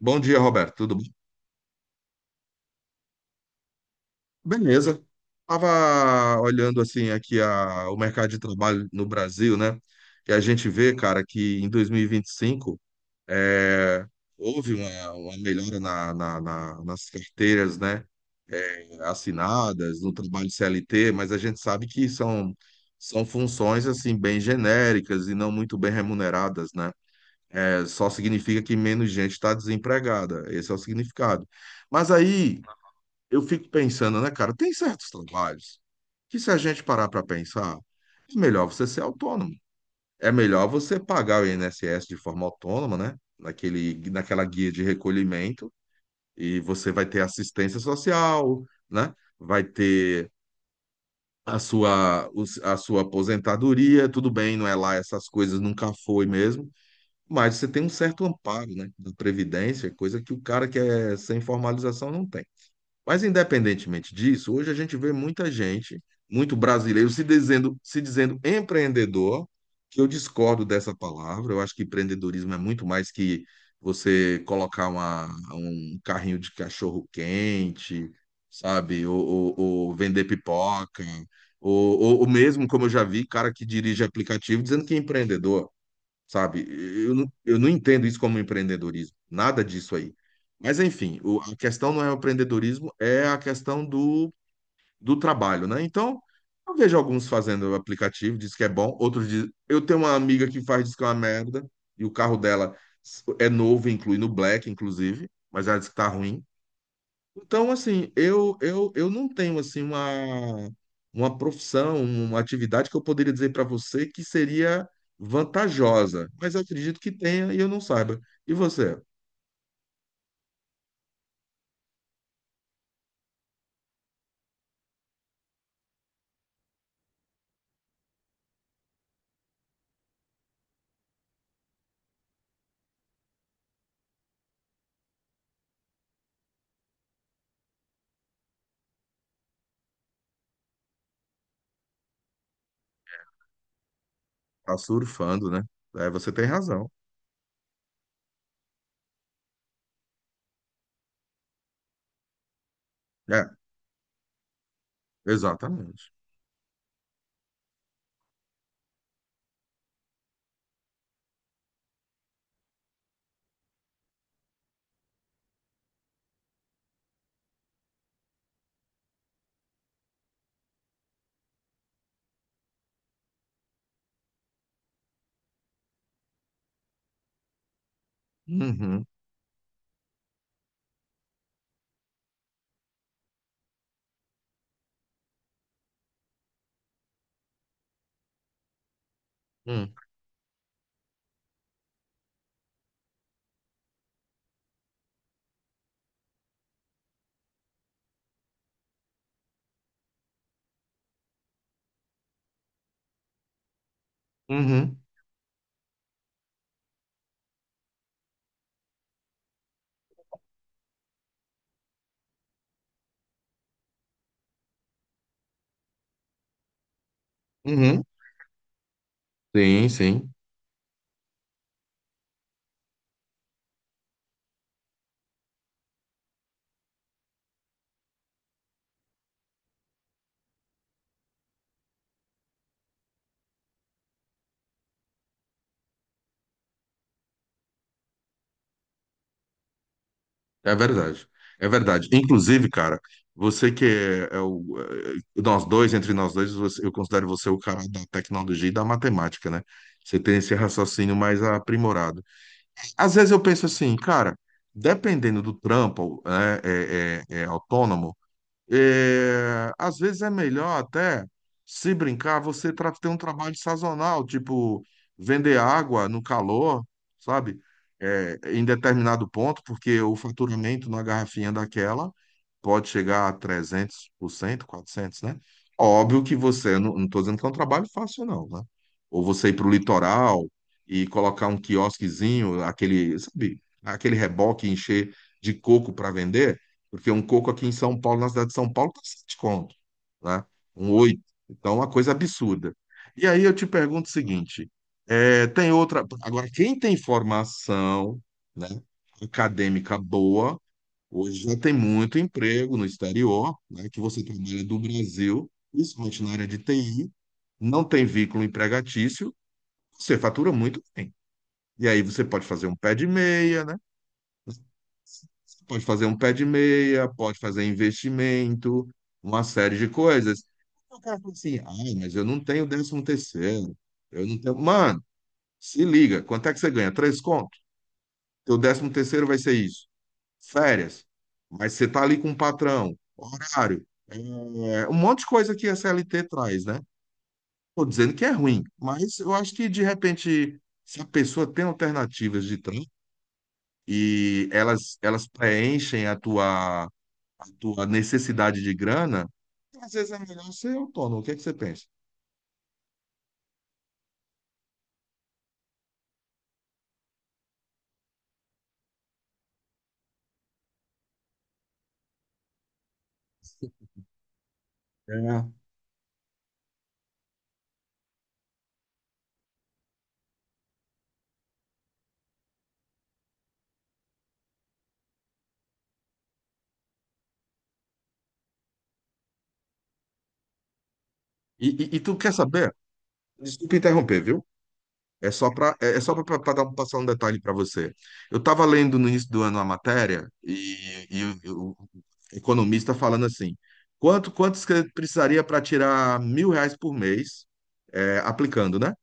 Bom dia, Roberto. Tudo bom? Beleza. Tava olhando assim aqui o mercado de trabalho no Brasil, né? E a gente vê, cara, que em 2025 é, houve uma melhora nas carteiras, né? Assinadas no trabalho CLT, mas a gente sabe que são funções assim bem genéricas e não muito bem remuneradas, né? É, só significa que menos gente está desempregada. Esse é o significado. Mas aí eu fico pensando, né, cara? Tem certos trabalhos que, se a gente parar para pensar, é melhor você ser autônomo. É melhor você pagar o INSS de forma autônoma, né? Naquela guia de recolhimento, e você vai ter assistência social, né? Vai ter a sua, a sua aposentadoria, tudo bem, não é lá essas coisas, nunca foi mesmo, mas você tem um certo amparo, né? Da Previdência, coisa que o cara que é sem formalização não tem. Mas independentemente disso, hoje a gente vê muita gente, muito brasileiro, se dizendo empreendedor, que eu discordo dessa palavra. Eu acho que empreendedorismo é muito mais que você colocar um carrinho de cachorro quente, sabe? Ou vender pipoca. Ou mesmo, como eu já vi, cara que dirige aplicativo dizendo que é empreendedor, sabe? Eu não entendo isso como empreendedorismo, nada disso aí. Mas, enfim, a questão não é o empreendedorismo, é a questão do trabalho, né? Então, eu vejo alguns fazendo o aplicativo, diz que é bom, outros diz... Eu tenho uma amiga que faz, diz que é uma merda, e o carro dela é novo, inclui no Black, inclusive, mas ela diz que tá ruim. Então, assim, eu não tenho assim uma profissão, uma atividade que eu poderia dizer para você que seria vantajosa, mas eu acredito que tenha e eu não saiba. E você? Tá surfando, né? É, você tem razão. É, exatamente. Uhum, uhum, uhum, uhum. Sim, sim. É verdade. É verdade. Inclusive, cara, você que é, é o. É, nós dois, entre nós dois, eu considero você o cara da tecnologia e da matemática, né? Você tem esse raciocínio mais aprimorado. Às vezes eu penso assim, cara, dependendo do trampo, né, é autônomo, é, às vezes é melhor até, se brincar, você ter um trabalho sazonal, tipo vender água no calor, sabe? É, em determinado ponto, porque o faturamento na garrafinha daquela pode chegar a 300%, 400%, né? Óbvio que você, não, não estou dizendo que é um trabalho fácil, não, né? Ou você ir para o litoral e colocar um quiosquezinho, aquele, sabe? Aquele reboque, encher de coco para vender. Porque um coco aqui em São Paulo, na cidade de São Paulo, tá 7 conto, né? Um 8. Então, é uma coisa absurda. E aí eu te pergunto o seguinte, é, tem outra... Agora, quem tem formação, né, acadêmica boa, hoje já tem muito emprego no exterior, né, que você trabalha do Brasil, principalmente na área de TI, não tem vínculo empregatício, você fatura muito bem. E aí você pode fazer um pé de meia, né. Pode fazer um pé de meia, pode fazer investimento, uma série de coisas. O cara fala assim, ai, mas eu não tenho décimo terceiro, eu não tenho... Mano, se liga, quanto é que você ganha? Três contos? Teu décimo terceiro vai ser isso. Férias. Mas você tá ali com o patrão, horário, é, um monte de coisa que a CLT traz, né? Tô dizendo que é ruim, mas eu acho que, de repente, se a pessoa tem alternativas de trampo e elas preenchem a tua necessidade de grana, às vezes é melhor ser autônomo. O que é que você pensa? É. E tu quer saber? Desculpa interromper, viu? É só para é é só para dar passar um detalhe para você. Eu estava lendo no início do ano a matéria e o economista falando assim, quantos que precisaria para tirar mil reais por mês aplicando, né?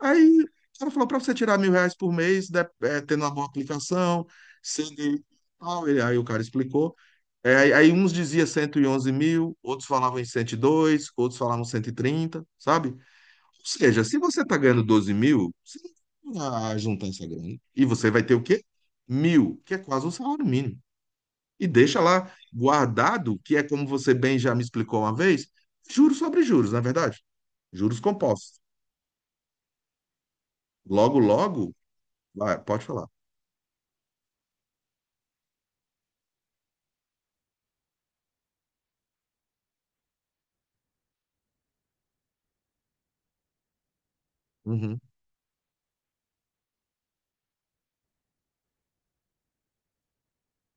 Aí ela falou para você tirar mil reais por mês, tendo uma boa aplicação, sendo e tal. Aí o cara explicou. É, aí uns diziam 111.000, outros falavam em 102, outros falavam 130, sabe? Ou seja, se você está ganhando 12.000, você não vai juntar essa grana. E você vai ter o quê? Mil, que é quase um salário mínimo. E deixa lá guardado, que é como você bem já me explicou uma vez, juros sobre juros, não é verdade? Juros compostos. Logo, logo, vai, pode falar. Uhum,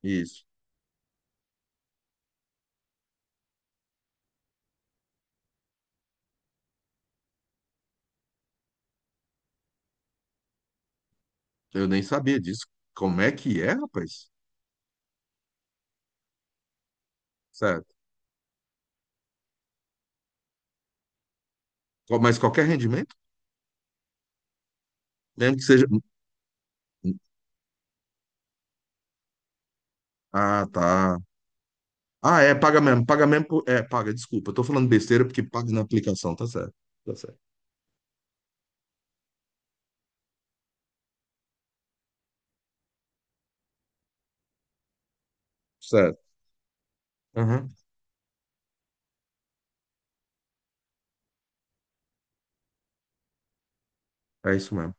isso. Eu nem sabia disso. Como é que é, rapaz? Certo. Mas qualquer rendimento? Mesmo que seja. Ah, tá. Ah, é, paga mesmo. Paga mesmo. É, paga, desculpa. Eu tô falando besteira porque paga na aplicação, tá certo. Tá certo. Certo. Uhum. É isso mesmo.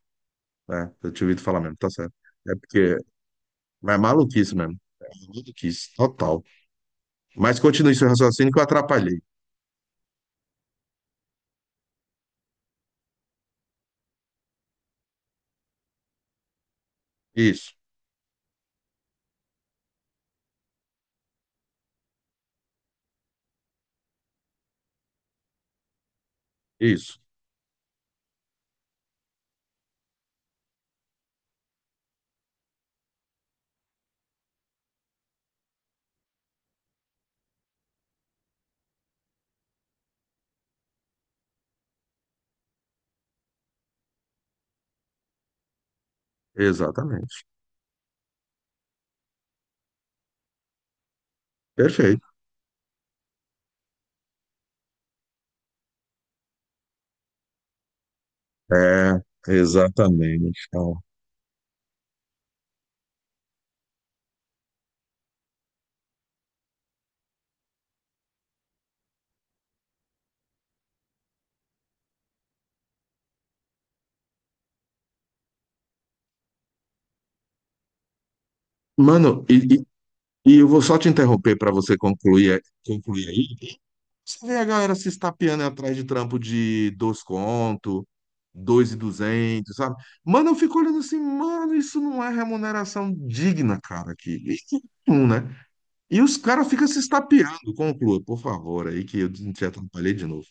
É, eu tinha ouvido falar mesmo, tá certo. É porque. Mas é maluquice mesmo. É maluquice, total. Mas continue seu raciocínio que eu atrapalhei. Isso, isso. Exatamente. Perfeito. É, exatamente. Ó. Mano, e eu vou só te interromper para você concluir, concluir aí. Você vê a galera se estapeando atrás de trampo de dois conto, dois e duzentos, sabe? Mano, eu fico olhando assim, mano, isso não é remuneração digna, cara, aqui. Nenhum, né? E os caras ficam se estapeando. Conclua, por favor, aí que eu te atrapalhei de novo.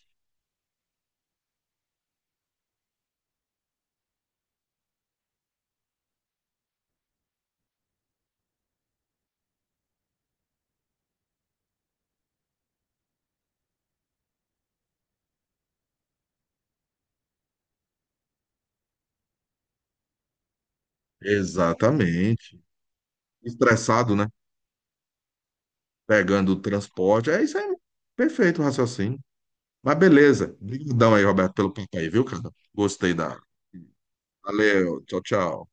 Exatamente. Estressado, né? Pegando o transporte. É isso aí. Perfeito o raciocínio. Mas beleza. Obrigadão aí, Roberto, pelo papo aí, viu, cara? Gostei da. Valeu, tchau, tchau.